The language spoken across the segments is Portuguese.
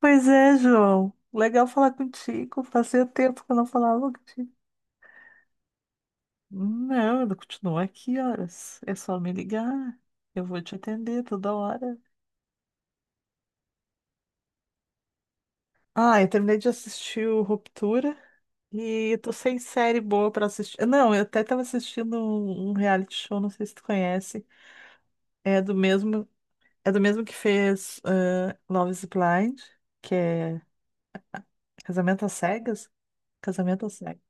Pois é, João. Legal falar contigo. Fazia tempo que eu não falava contigo. Não, ele continua aqui horas. É só me ligar. Eu vou te atender toda hora. Ah, eu terminei de assistir o Ruptura e tô sem série boa pra assistir. Não, eu até tava assistindo um reality show, não sei se tu conhece. É do mesmo, é do mesmo que fez Love is Blind, que é Casamento às Cegas. Casamento às Cegas.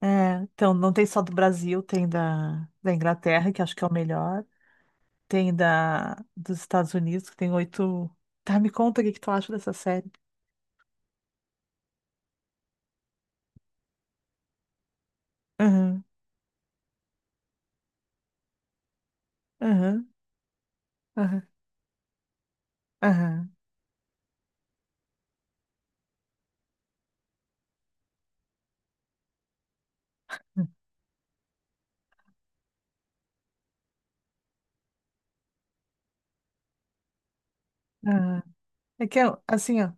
É, então, não tem só do Brasil, tem da Inglaterra, que acho que é o melhor. Tem dos Estados Unidos, que tem oito. Tá, me conta o que que tu acha dessa série. Aham, aham, aham, aham, aham. É que, assim, ó.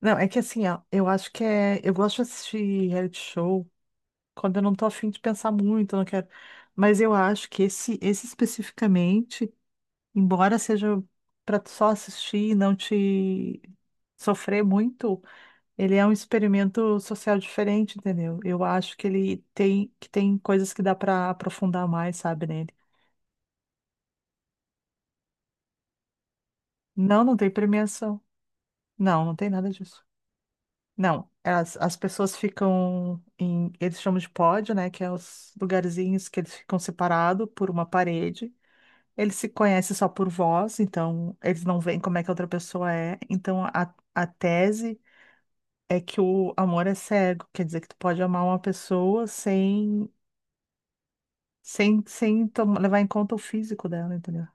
Não, é que assim, ó. Eu acho que é. Eu gosto de assistir reality show quando eu não tô afim de pensar muito, eu não quero. Mas eu acho que esse especificamente, embora seja pra tu só assistir e não te sofrer muito. Ele é um experimento social diferente, entendeu? Eu acho que ele tem que tem coisas que dá para aprofundar mais, sabe, nele. Não, não tem premiação. Não, não tem nada disso. Não, as pessoas ficam em, eles chamam de pódio, né, que é os lugarzinhos que eles ficam separados por uma parede. Eles se conhecem só por voz, então eles não veem como é que a outra pessoa é. Então a tese é que o amor é cego, quer dizer que tu pode amar uma pessoa sem levar em conta o físico dela, entendeu?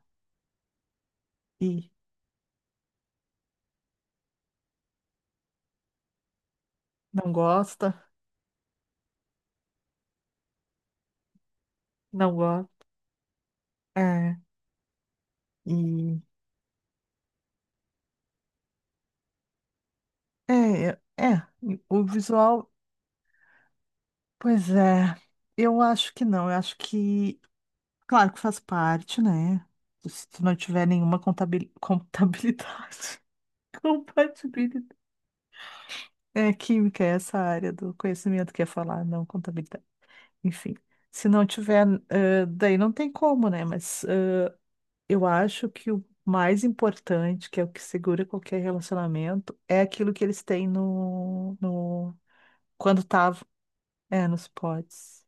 E não gosta, não gosta. É, e é, é, o visual, pois é, eu acho que não, eu acho que, claro que faz parte, né? Se tu não tiver nenhuma contabilidade, compatibilidade. É, química é essa área do conhecimento que é falar, não contabilidade. Enfim, se não tiver, daí não tem como, né? Mas eu acho que o mais importante, que é o que segura qualquer relacionamento, é aquilo que eles têm no quando estavam, é, nos pods,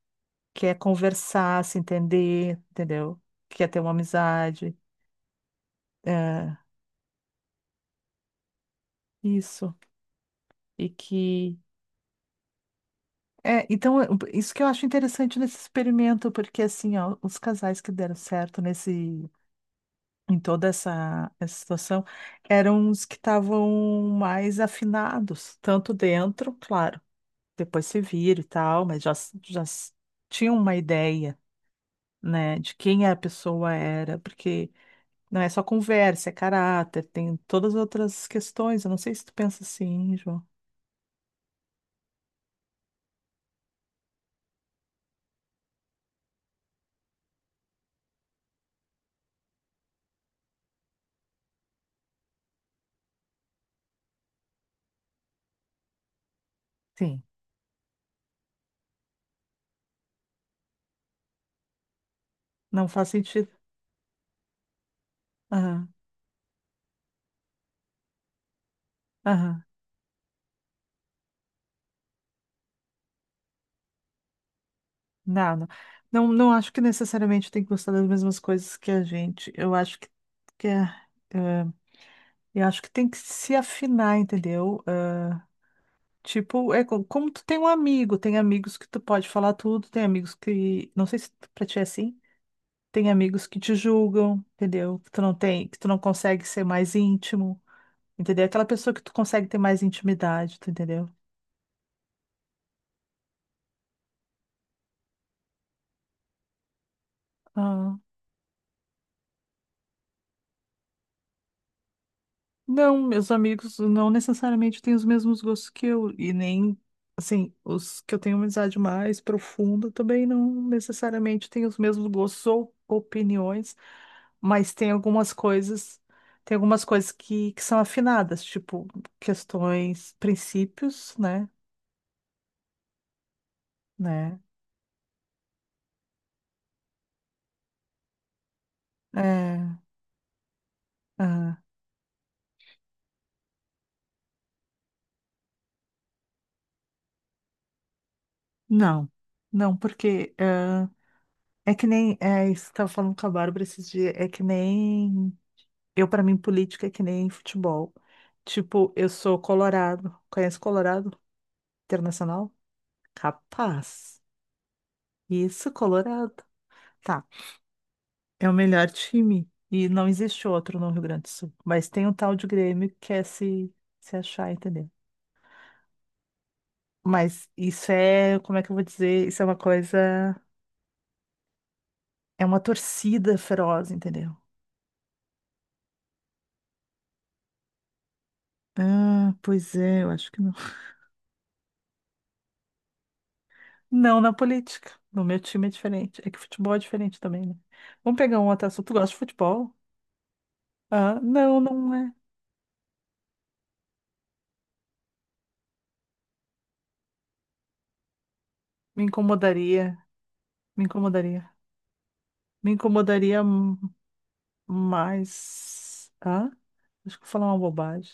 que é conversar, se entender, entendeu? Que é ter uma amizade, é, isso. E que é, então é, isso que eu acho interessante nesse experimento, porque assim, ó, os casais que deram certo nesse em toda essa, essa situação eram os que estavam mais afinados, tanto dentro, claro depois se vira e tal, mas já, tinha uma ideia, né, de quem a pessoa era, porque não é só conversa, é caráter, tem todas as outras questões. Eu não sei se tu pensa assim, João. Sim. Não faz sentido. Aham, aham. Não, não, não, não acho que necessariamente tem que gostar das mesmas coisas que a gente. Eu acho que é, é, eu acho que tem que se afinar, entendeu? Tipo, é como tu tem um amigo, tem amigos que tu pode falar tudo, tem amigos que, não sei se pra ti é assim, tem amigos que te julgam, entendeu? Que tu não tem, que tu não consegue ser mais íntimo, entendeu? Aquela pessoa que tu consegue ter mais intimidade, tu entendeu? Ah, não, meus amigos não necessariamente têm os mesmos gostos que eu, e nem, assim, os que eu tenho amizade mais profunda também não necessariamente têm os mesmos gostos ou opiniões mas tem algumas coisas que são afinadas, tipo questões, princípios, né? Né? É, ah, não, não, porque ah, é que nem é, isso que eu tava falando com a Bárbara esses dias, é que nem eu, para mim, política é que nem futebol. Tipo, eu sou Colorado, conhece Colorado Internacional? Capaz. Isso, Colorado. Tá. É o melhor time. E não existe outro no Rio Grande do Sul. Mas tem um tal de Grêmio que quer se achar, entendeu? Mas isso é, como é que eu vou dizer? Isso é uma coisa. É uma torcida feroz, entendeu? Ah, pois é, eu acho que não. Não na política. No meu time é diferente. É que futebol é diferente também, né? Vamos pegar um outro assunto. Tu gosta de futebol? Ah, não, não é. Me incomodaria. Me incomodaria. Me incomodaria mais. Ah, acho que eu vou falar uma bobagem.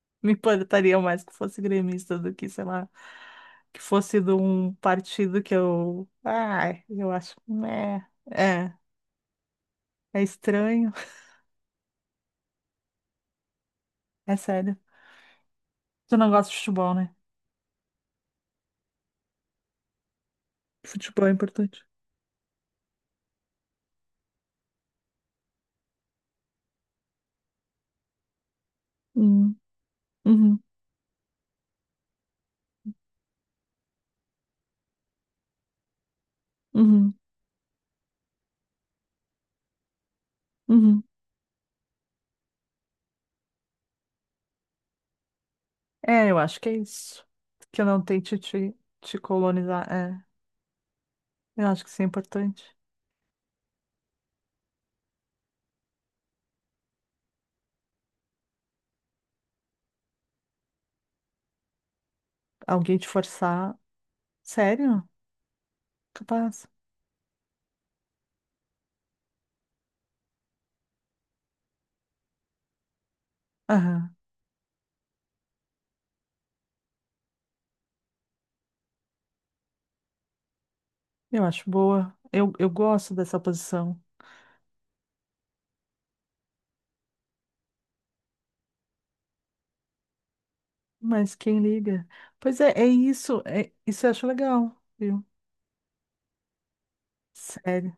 Me importaria mais que fosse gremista do que, sei lá, que fosse de um partido que eu. Ai, eu acho. Meh. É, é estranho. É sério. Tu não gosta de futebol, né? Futebol é importante. Hum, uhum, uhum, uhum. É, eu acho que é isso. Que eu não tente te colonizar. É, eu acho que isso é importante. Alguém te forçar. Sério? Capaz. Aham. Eu acho boa. Eu gosto dessa posição. Mas quem liga? Pois é, é isso. É, isso eu acho legal, viu? Sério.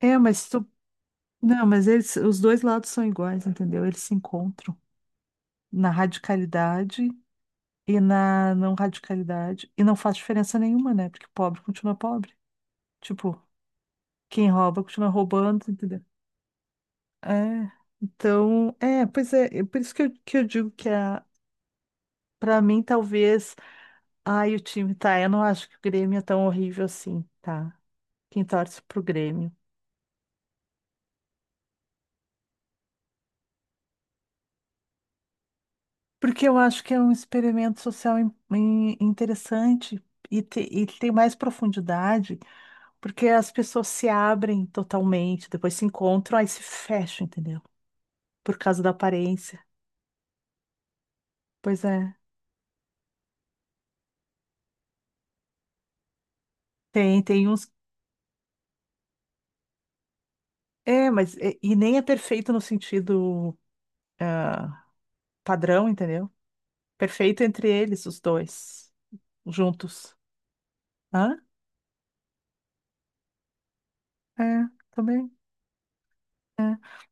É, mas tu. Não, mas eles, os dois lados são iguais, entendeu? Eles se encontram na radicalidade e na não radicalidade. E não faz diferença nenhuma, né? Porque pobre continua pobre. Tipo, quem rouba continua roubando, entendeu? É. Então, é, pois é, é por isso que eu digo que a, pra mim, talvez. Ai, o time tá. Eu não acho que o Grêmio é tão horrível assim, tá? Quem torce pro Grêmio. Porque eu acho que é um experimento social interessante e, e que tem mais profundidade, porque as pessoas se abrem totalmente, depois se encontram, aí se fecham, entendeu? Por causa da aparência. Pois é, tem uns. É, mas e nem é perfeito no sentido ah, padrão, entendeu? Perfeito entre eles, os dois, juntos. Hã? É, também.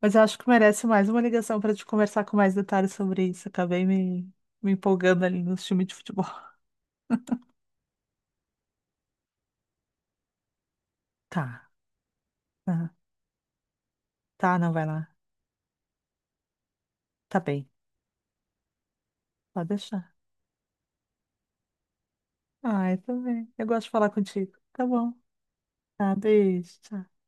Mas eu acho que merece mais uma ligação para te conversar com mais detalhes sobre isso. Acabei me empolgando ali no time de futebol. Tá, tá, tá, não vai lá. Tá bem, pode deixar. Ah, eu também. Eu gosto de falar contigo. Tá bom. Tá, beijo. Tchau.